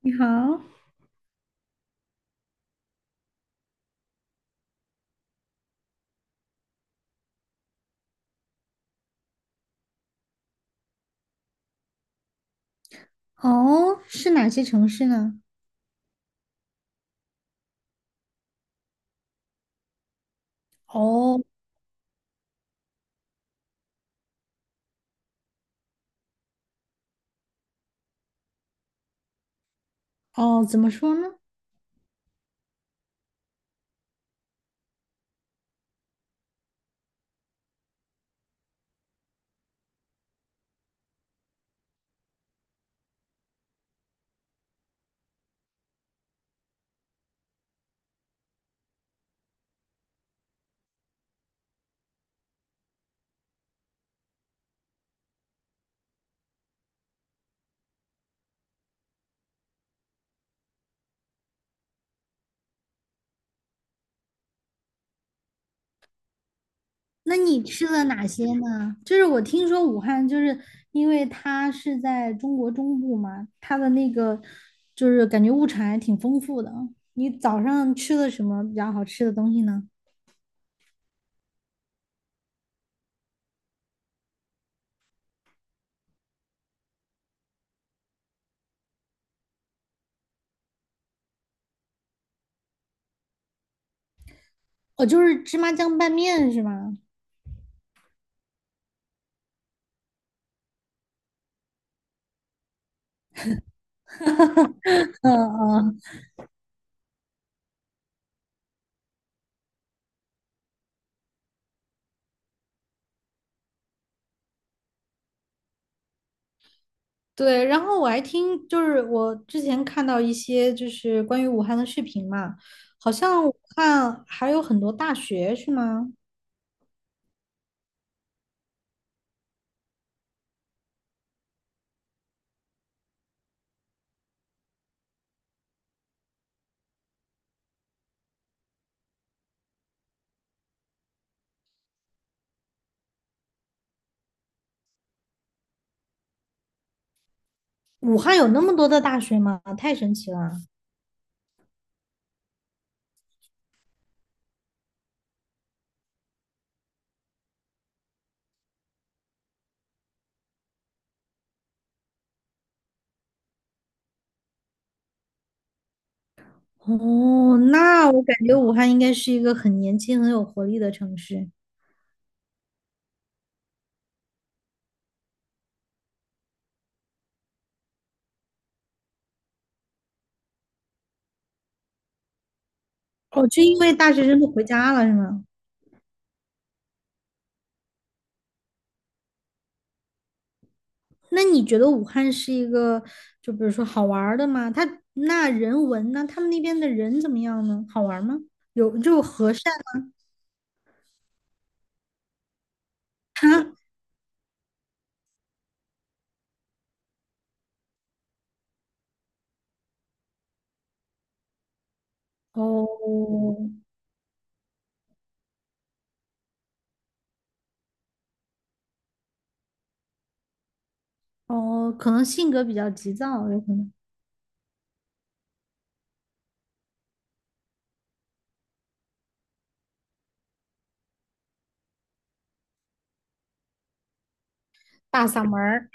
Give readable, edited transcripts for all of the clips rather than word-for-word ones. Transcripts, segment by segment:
你好。哦，是哪些城市呢？哦哦，怎么说呢？那你吃了哪些呢？就是我听说武汉，就是因为它是在中国中部嘛，它的那个就是感觉物产还挺丰富的。你早上吃了什么比较好吃的东西呢？哦，就是芝麻酱拌面是吗？嗯嗯，对，然后我还听，就是我之前看到一些就是关于武汉的视频嘛，好像武汉还有很多大学是吗？武汉有那么多的大学吗？太神奇了！哦，那我感觉武汉应该是一个很年轻、很有活力的城市。哦，就因为大学生都回家了是吗？那你觉得武汉是一个，就比如说好玩儿的吗？他那人文呢？他们那边的人怎么样呢？好玩儿吗？有就和善吗？哦，哦，可能性格比较急躁，有可能。大嗓门儿。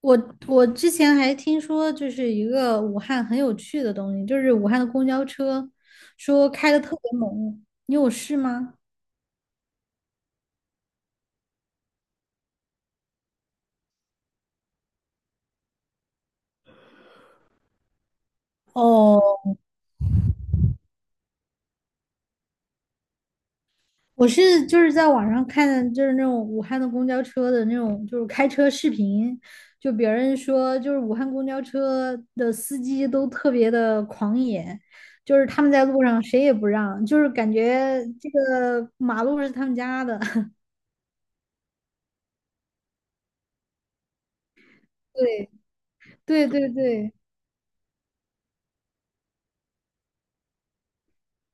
我之前还听说，就是一个武汉很有趣的东西，就是武汉的公交车，说开的特别猛。你有试吗？哦，我是就是在网上看，就是那种武汉的公交车的那种，就是开车视频，就别人说，就是武汉公交车的司机都特别的狂野，就是他们在路上谁也不让，就是感觉这个马路是他们家的。对对对对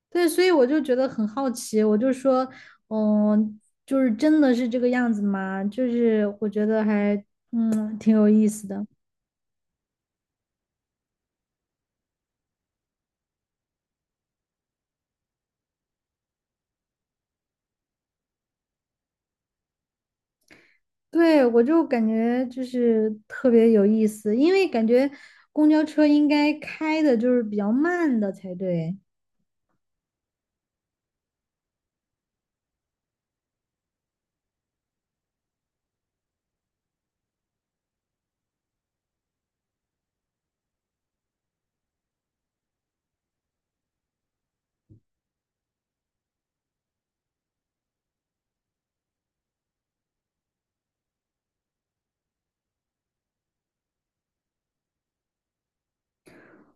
对，所以我就觉得很好奇，我就说，嗯，就是真的是这个样子吗？就是我觉得还，嗯，挺有意思的。对，我就感觉就是特别有意思，因为感觉公交车应该开的就是比较慢的才对。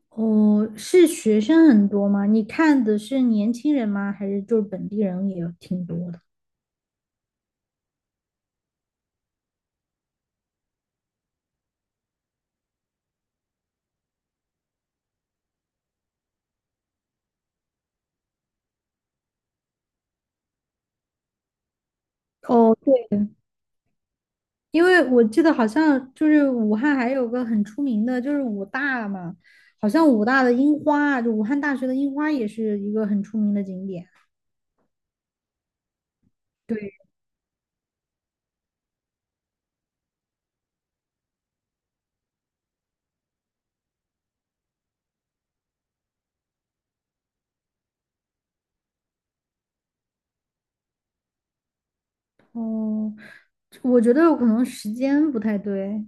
哦，是学生很多吗？你看的是年轻人吗？还是就是本地人也挺多的？哦，对，因为我记得好像就是武汉还有个很出名的，就是武大嘛，好像武大的樱花，就武汉大学的樱花也是一个很出名的景点。对。哦，我觉得有可能时间不太对。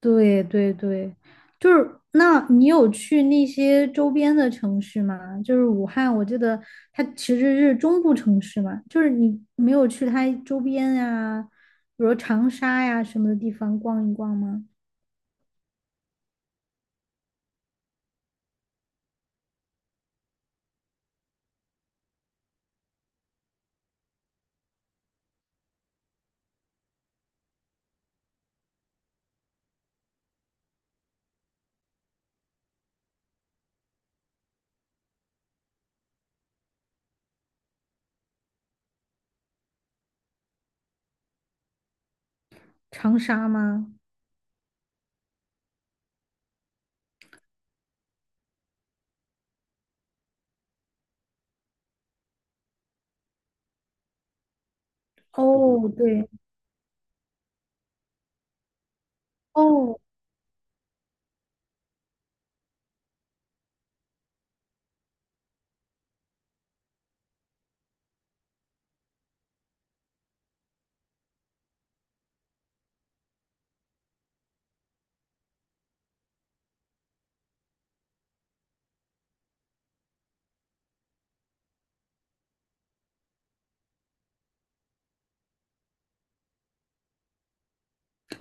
对对对，就是那你有去那些周边的城市吗？就是武汉，我记得它其实是中部城市嘛，就是你没有去它周边呀，比如长沙呀什么的地方逛一逛吗？长沙吗？哦，对。哦，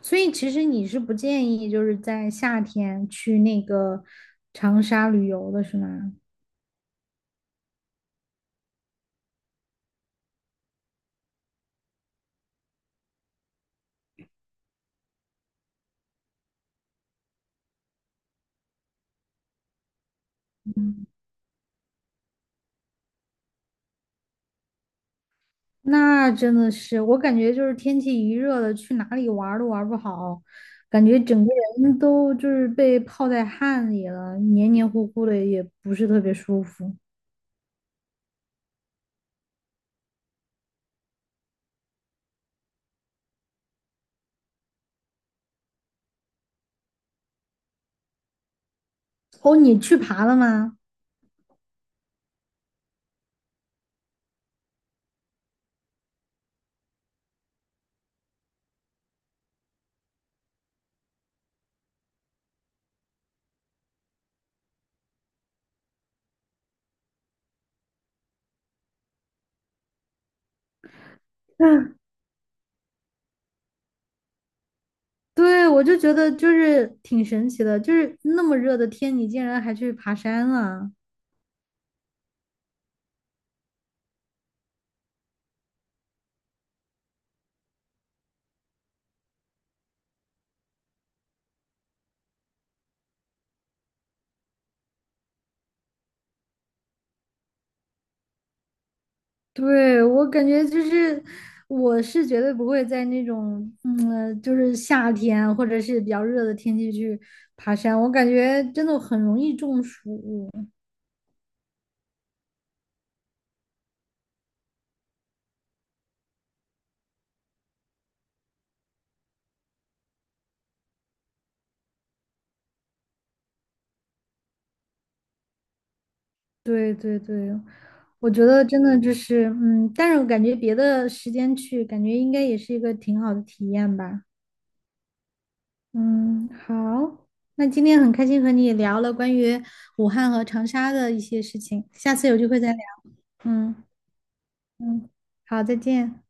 所以其实你是不建议就是在夏天去那个长沙旅游的是吗？嗯，那真的是，我感觉就是天气一热了，去哪里玩儿都玩儿不好，感觉整个人都就是被泡在汗里了，黏黏糊糊的，也不是特别舒服。哦，你去爬了吗？嗯，对，我就觉得就是挺神奇的，就是那么热的天，你竟然还去爬山了。对，我感觉就是，我是绝对不会在那种，嗯，就是夏天或者是比较热的天气去爬山，我感觉真的很容易中暑。对对对，我觉得真的就是，嗯，但是我感觉别的时间去，感觉应该也是一个挺好的体验吧。嗯，好，那今天很开心和你聊了关于武汉和长沙的一些事情，下次有机会再聊。嗯嗯，好，再见。